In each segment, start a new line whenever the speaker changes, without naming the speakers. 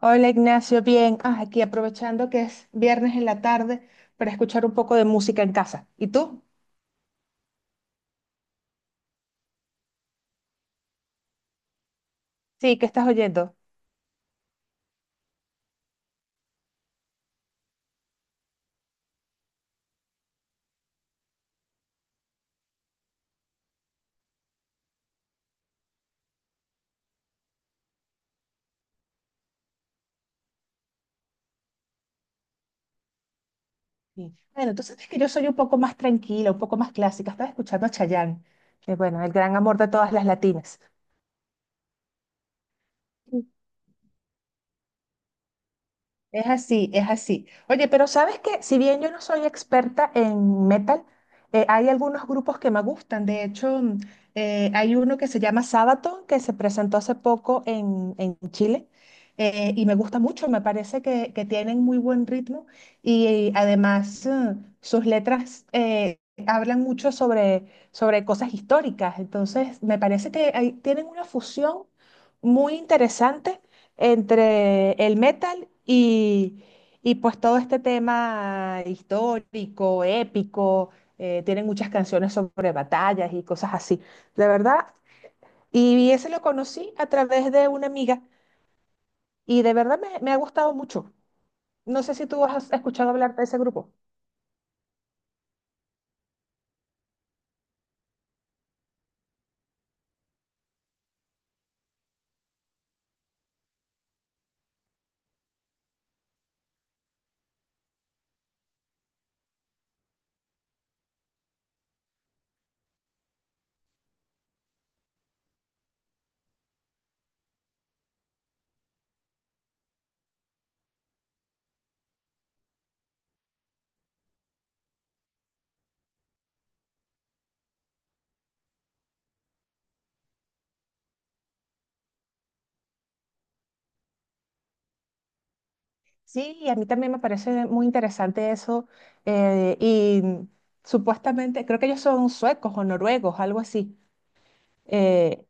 Hola Ignacio, bien. Ah, aquí aprovechando que es viernes en la tarde para escuchar un poco de música en casa. ¿Y tú? Sí, ¿qué estás oyendo? Sí. Bueno, tú sabes que yo soy un poco más tranquila, un poco más clásica. Estaba escuchando a Chayanne, que bueno, el gran amor de todas las latinas. Es así, es así. Oye, pero sabes que si bien yo no soy experta en metal, hay algunos grupos que me gustan. De hecho, hay uno que se llama Sabaton, que se presentó hace poco en Chile, y me gusta mucho, me parece que tienen muy buen ritmo y, además sus letras hablan mucho sobre cosas históricas. Entonces, me parece que ahí tienen una fusión muy interesante entre el metal y pues todo este tema histórico, épico, tienen muchas canciones sobre batallas y cosas así, de verdad. Y ese lo conocí a través de una amiga y de verdad me ha gustado mucho. No sé si tú has escuchado hablar de ese grupo. Sí, y a mí también me parece muy interesante eso. Y supuestamente, creo que ellos son suecos o noruegos, algo así. Eh,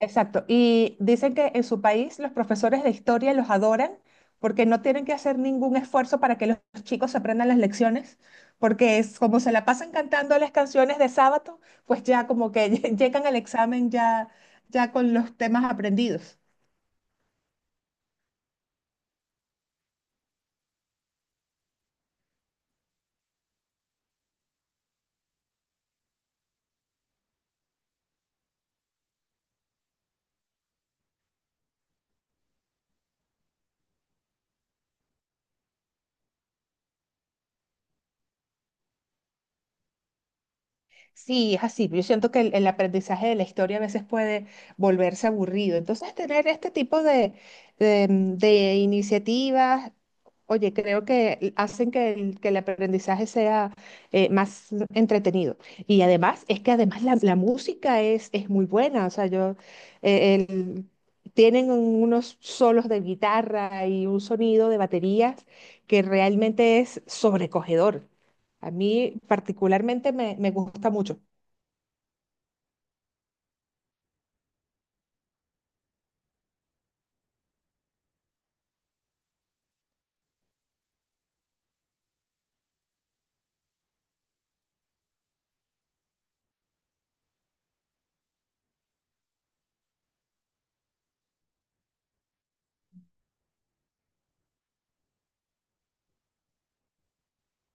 Exacto. Y dicen que en su país los profesores de historia los adoran porque no tienen que hacer ningún esfuerzo para que los chicos aprendan las lecciones, porque es como se la pasan cantando las canciones de sábado, pues ya como que llegan al examen ya, ya con los temas aprendidos. Sí, es así. Yo siento que el aprendizaje de la historia a veces puede volverse aburrido. Entonces, tener este tipo de iniciativas, oye, creo que hacen que que el aprendizaje sea más entretenido. Y además, es que además la música es muy buena. O sea, yo, eh, el- tienen unos solos de guitarra y un sonido de baterías que realmente es sobrecogedor. A mí particularmente me gusta mucho.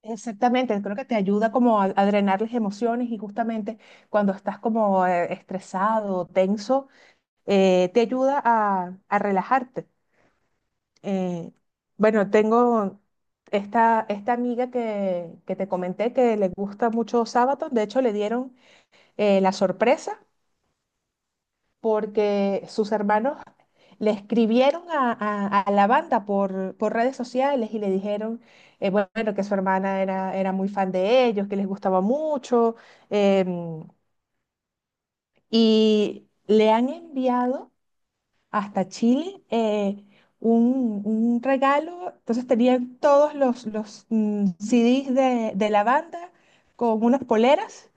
Exactamente, creo que te ayuda como a drenar las emociones y justamente cuando estás como estresado, tenso, te ayuda a relajarte. Eh, bueno, tengo esta amiga que te comenté que le gusta mucho Sabaton, de hecho le dieron la sorpresa porque sus hermanos le escribieron a la banda por redes sociales y le dijeron, bueno, que su hermana era muy fan de ellos, que les gustaba mucho, em, y le han enviado hasta Chile un regalo, entonces tenían todos CDs de la banda con unas poleras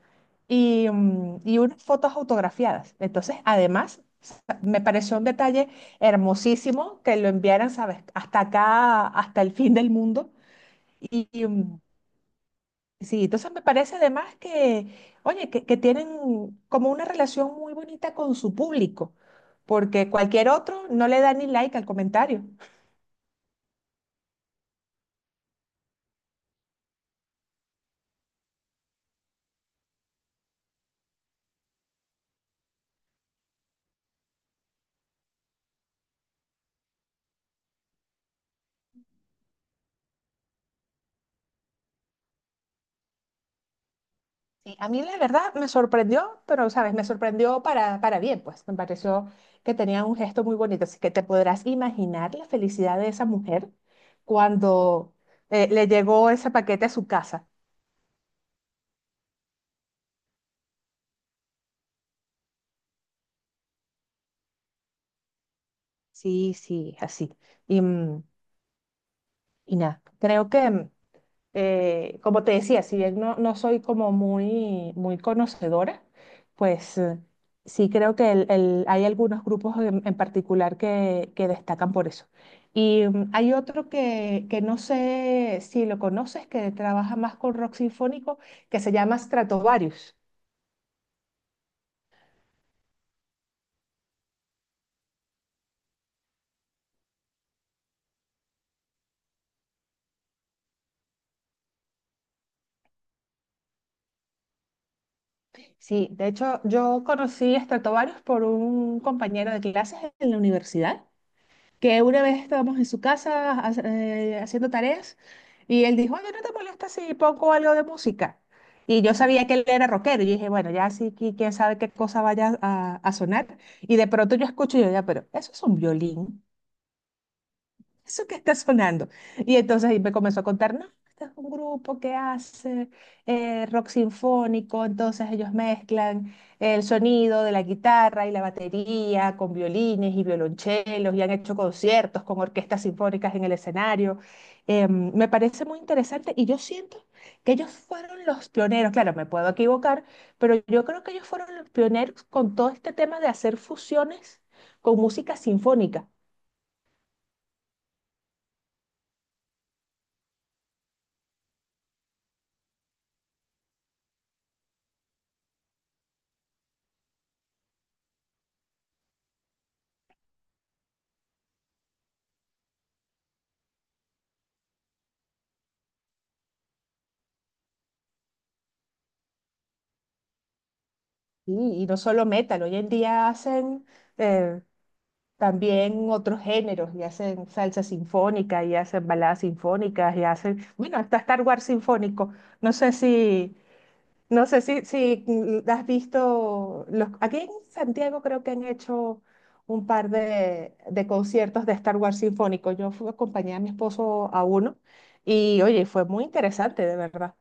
y, y unas fotos autografiadas. Entonces, además, me pareció un detalle hermosísimo que lo enviaran, ¿sabes? Hasta acá, hasta el fin del mundo. Y, y, mm, sí, entonces me parece además que, oye, que tienen como una relación muy bonita con su público, porque cualquier otro no le da ni like al comentario. Sí, a mí la verdad me sorprendió, pero sabes, me sorprendió para bien, pues me pareció que tenía un gesto muy bonito, así que te podrás imaginar la felicidad de esa mujer cuando le llegó ese paquete a su casa. Sí, sí, así. Y, mm, y nada, creo que como te decía, si bien no soy como muy, muy conocedora, pues sí creo que hay algunos grupos en particular que destacan por eso. Y hay otro que no sé si lo conoces, que trabaja más con rock sinfónico, que se llama Stratovarius. Sí, de hecho yo conocí a Stratovarius por un compañero de clases en la universidad que una vez estábamos en su casa haciendo tareas y él dijo, oye, ¿no te molesta si pongo algo de música? Y yo sabía que él era rockero y dije, bueno, ya sí, que quién sabe qué cosa vaya a sonar. Y de pronto yo escucho y yo, ya, pero eso es un violín eso que está sonando. Y entonces ahí me comenzó a contar, no, este es un grupo que hace rock sinfónico, entonces ellos mezclan el sonido de la guitarra y la batería con violines y violonchelos y han hecho conciertos con orquestas sinfónicas en el escenario. Me parece muy interesante y yo siento que ellos fueron los pioneros, claro, me puedo equivocar, pero yo creo que ellos fueron los pioneros con todo este tema de hacer fusiones con música sinfónica. Sí, y no solo metal, hoy en día hacen eh, también otros géneros, y hacen salsa sinfónica, y hacen baladas sinfónicas, y hacen, bueno, hasta Star Wars sinfónico. No sé si has visto, los, aquí en Santiago creo que han hecho un par de conciertos de Star Wars sinfónico. Yo fui acompañada a mi esposo a uno, y oye, fue muy interesante, de verdad.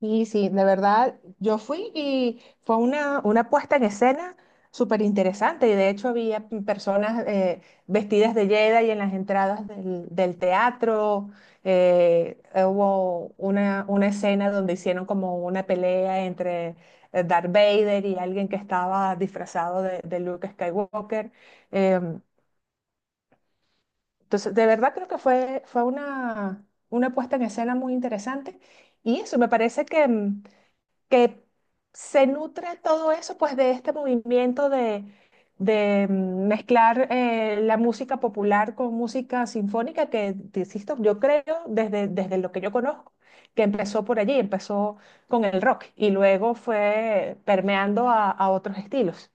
Sí, sí, de verdad, yo fui y fue una puesta en escena súper interesante. Y de hecho había personas vestidas de Jedi en las entradas del teatro. Eh, Hubo una escena donde hicieron como una pelea entre Darth Vader y alguien que estaba disfrazado de Luke Skywalker. Em, entonces, de verdad creo que fue, fue una puesta en escena muy interesante. Y eso me parece que se nutre todo eso, pues de este movimiento de mezclar la música popular con música sinfónica, que, te insisto, yo creo, desde lo que yo conozco, que empezó por allí, empezó con el rock y luego fue permeando a otros estilos.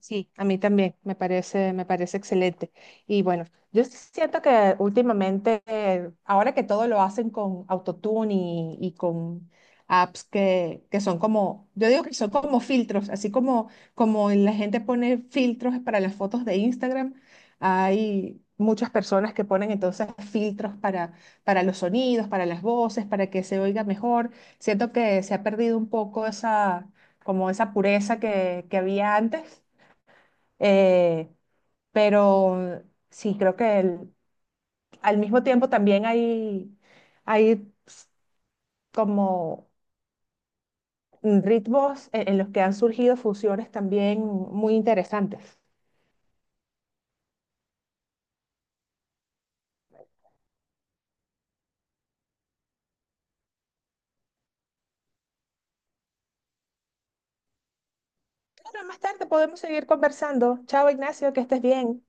Sí, a mí también, me parece excelente. Y bueno, yo siento que últimamente, ahora que todo lo hacen con autotune y con apps que son como, yo digo que son como filtros, así como, como la gente pone filtros para las fotos de Instagram, hay muchas personas que ponen entonces filtros para los sonidos, para las voces, para que se oiga mejor. Siento que se ha perdido un poco esa, como esa pureza que había antes, eh, pero sí, creo que al mismo tiempo también hay como ritmos en los que han surgido fusiones también muy interesantes. Claro, más tarde podemos seguir conversando. Chao, Ignacio, que estés bien.